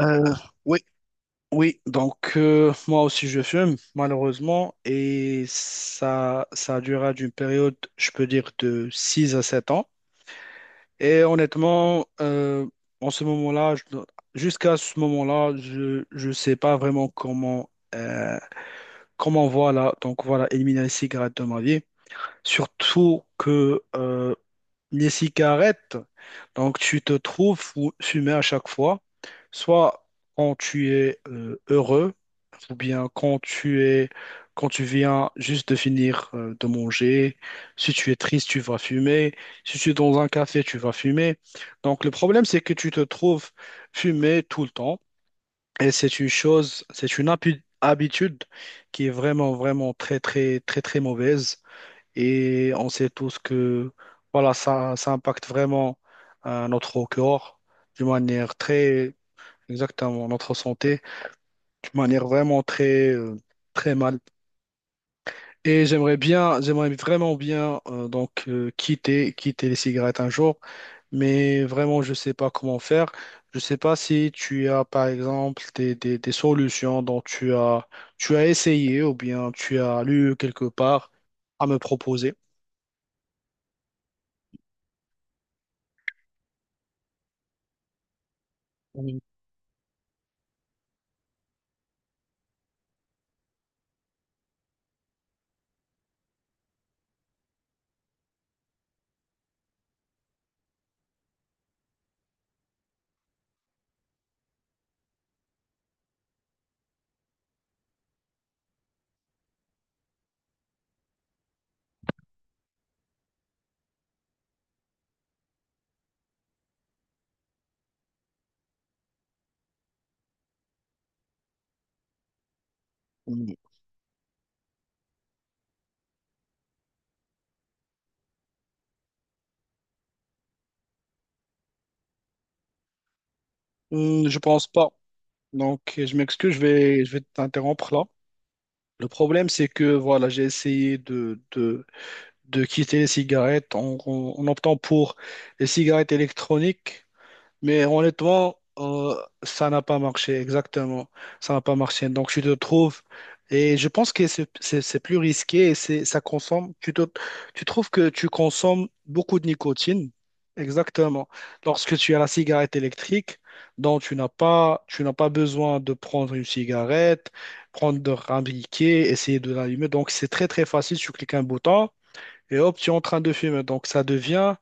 Euh, oui, oui. Donc, moi aussi, je fume, malheureusement. Et ça a duré d'une période, je peux dire, de 6 à 7 ans. Et honnêtement, en ce moment-là, je- jusqu'à ce moment-là, je sais pas vraiment comment, comment voilà, éliminer les cigarettes de ma vie. Surtout que les cigarettes, donc tu te trouves où fumer à chaque fois, soit quand tu es heureux, ou bien quand tu es quand tu viens juste de finir de manger. Si tu es triste, tu vas fumer. Si tu es dans un café, tu vas fumer. Donc le problème, c'est que tu te trouves fumer tout le temps. Et c'est une habitude qui est vraiment, vraiment très, très, très, très mauvaise. Et on sait tous que voilà, ça impacte vraiment notre corps d'une manière très, exactement, notre santé, d'une manière vraiment très, très mal. Et j'aimerais vraiment bien quitter les cigarettes un jour, mais vraiment, je ne sais pas comment faire. Je ne sais pas si tu as, par exemple, des solutions dont tu as essayé ou bien tu as lu quelque part à me proposer. Mm. Hmm, je pense pas. Donc, je m'excuse, je vais t'interrompre là. Le problème, c'est que voilà, j'ai essayé de quitter les cigarettes en optant pour les cigarettes électroniques mais honnêtement, ça n'a pas marché, exactement. Ça n'a pas marché. Donc, tu te trouves, et je pense que c'est plus risqué et c'est, ça consomme, tu trouves que tu consommes beaucoup de nicotine, exactement. Lorsque tu as la cigarette électrique, dont tu n'as pas besoin de prendre une cigarette, prendre un briquet, essayer de l'allumer. Donc, c'est très, très facile. Tu cliques un bouton et hop, tu es en train de fumer. Donc,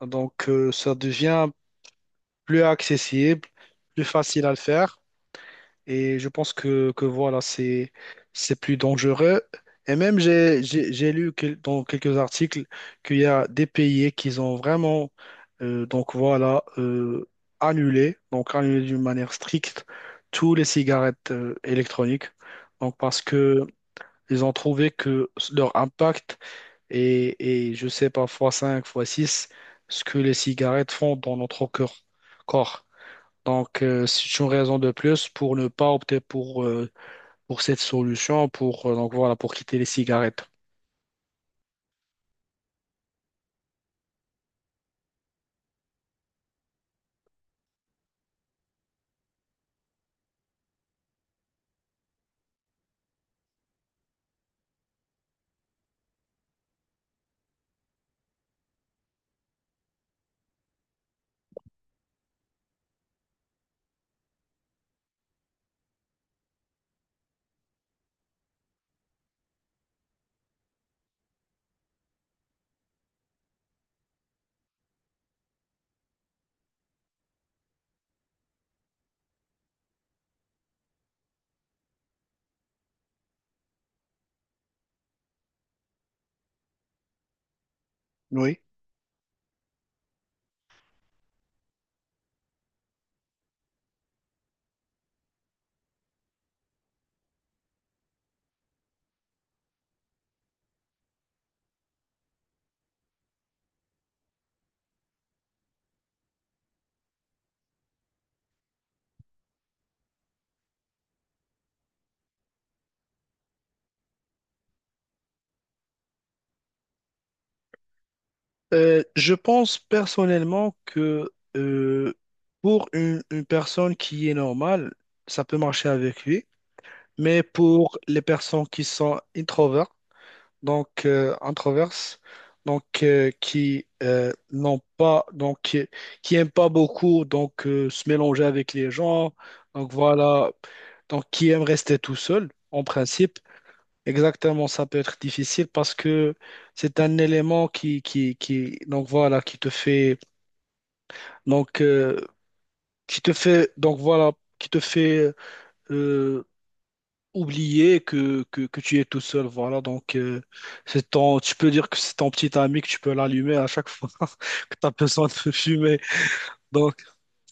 donc, ça devient plus accessible, plus facile à le faire. Et je pense que voilà, c'est plus dangereux. Et même, j'ai lu dans quelques articles qu'il y a des pays qui ont vraiment, euh, donc voilà, euh, donc annulé d'une manière stricte, tous les cigarettes, électroniques. Donc parce que ils ont trouvé que leur impact je sais pas, fois 5, fois 6 ce que les cigarettes font dans notre corps. Donc, c'est une raison de plus pour ne pas opter pour cette solution, pour, pour quitter les cigarettes. Oui. Je pense personnellement que euh, pour une personne qui est normale, ça peut marcher avec lui, mais pour les personnes qui sont introvertes, introverses, qui n'ont pas, qui aiment pas beaucoup se mélanger avec les gens, donc voilà, donc qui aiment rester tout seul en principe. Exactement, ça peut être difficile parce que c'est un élément qui qui te fait donc euh, qui te fait donc voilà qui te fait euh, oublier que tu es tout seul, voilà. Donc, c'est ton, tu peux dire que c'est ton petit ami que tu peux l'allumer à chaque fois que tu as besoin de fumer. Donc,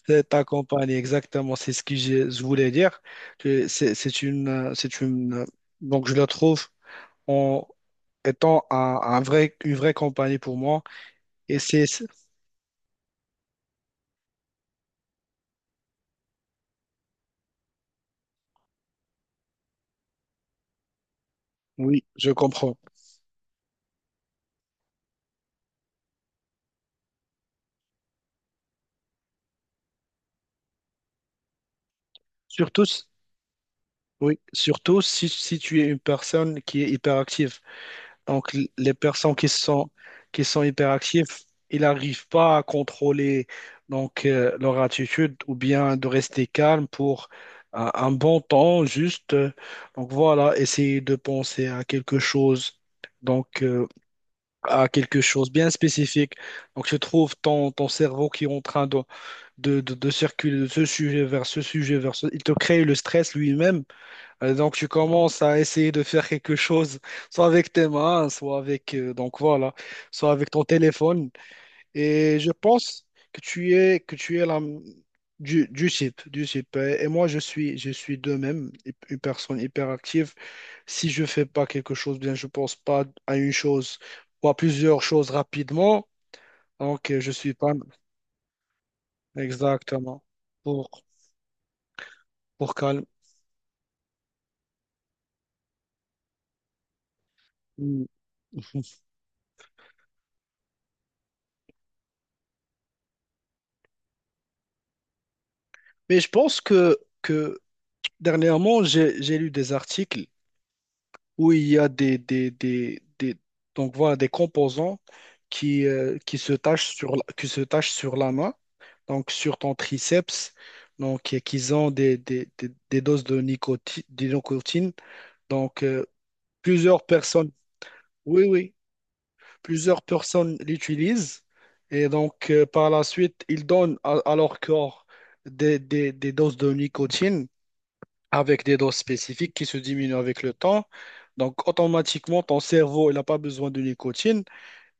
c'est ta compagne, exactement. C'est ce que je voulais dire. Que C'est c'est une, donc, je la trouve en étant un vrai, une vraie compagnie pour moi. Et c'est, c'est- oui, je comprends. Surtout, si- oui, surtout si, si tu es une personne qui est hyperactive. Donc, les personnes qui sont hyperactives, ils n'arrivent pas à contrôler leur attitude ou bien de rester calme pour un bon temps, juste. Donc, voilà, essayer de penser à quelque chose, donc euh, à quelque chose bien spécifique. Donc, je trouve ton cerveau qui est en train de circuler de ce sujet vers ce sujet, vers ce... Il te crée le stress lui-même donc tu commences à essayer de faire quelque chose, soit avec tes mains, soit avec soit avec ton téléphone. Et je pense que tu es la, du type, du type. Et moi je suis de même une personne hyper active. Si je fais pas quelque chose, bien je pense pas à une chose ou à plusieurs choses rapidement. Je suis pas exactement pour pour calme. Mm. Mais je pense que dernièrement j'ai lu des articles, où il y a donc voilà, des composants qui se tachent qui se tachent sur la main, donc sur ton triceps, donc et qu'ils ont des doses de nicotine, de nicotine. Donc euh, plusieurs personnes, oui, oui, plusieurs personnes l'utilisent et par la suite, ils donnent à leur corps des doses de nicotine avec des doses spécifiques qui se diminuent avec le temps. Donc, automatiquement, ton cerveau, il n'a pas besoin de nicotine.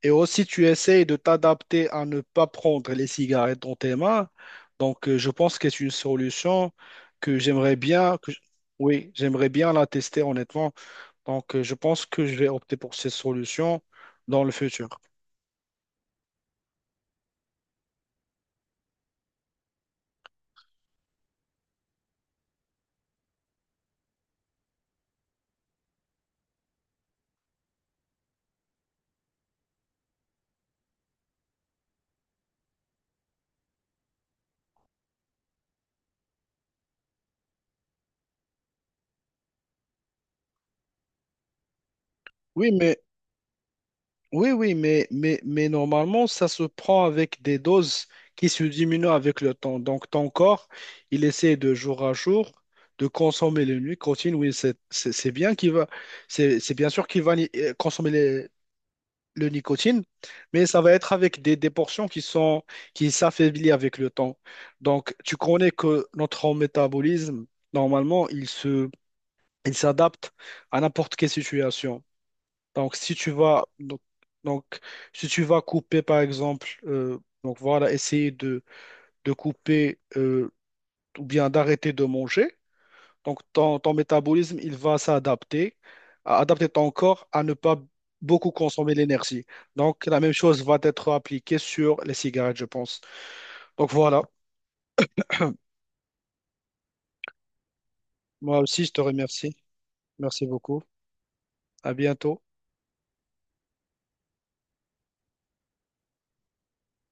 Et aussi, tu essayes de t'adapter à ne pas prendre les cigarettes dans tes mains. Donc, je pense que c'est une solution que j'aimerais bien, que je- oui, j'aimerais bien la tester, honnêtement. Donc, je pense que je vais opter pour cette solution dans le futur. Oui, mais Oui, oui, mais normalement, ça se prend avec des doses qui se diminuent avec le temps. Donc, ton corps, il essaie de jour à jour de consommer les nicotine. Oui, c'est bien qu'il va, c'est bien sûr qu'il va consommer le nicotine, mais ça va être avec des portions qui s'affaiblissent avec le temps. Donc, tu connais que notre métabolisme, normalement, il s'adapte à n'importe quelle situation. Donc, si tu vas, donc, si tu vas couper, par exemple, donc voilà, de couper ou bien d'arrêter de manger, donc ton métabolisme, il va s'adapter, à adapter ton corps à ne pas beaucoup consommer l'énergie. Donc, la même chose va être appliquée sur les cigarettes, je pense. Donc, voilà, moi aussi, je te remercie. Merci beaucoup. À bientôt.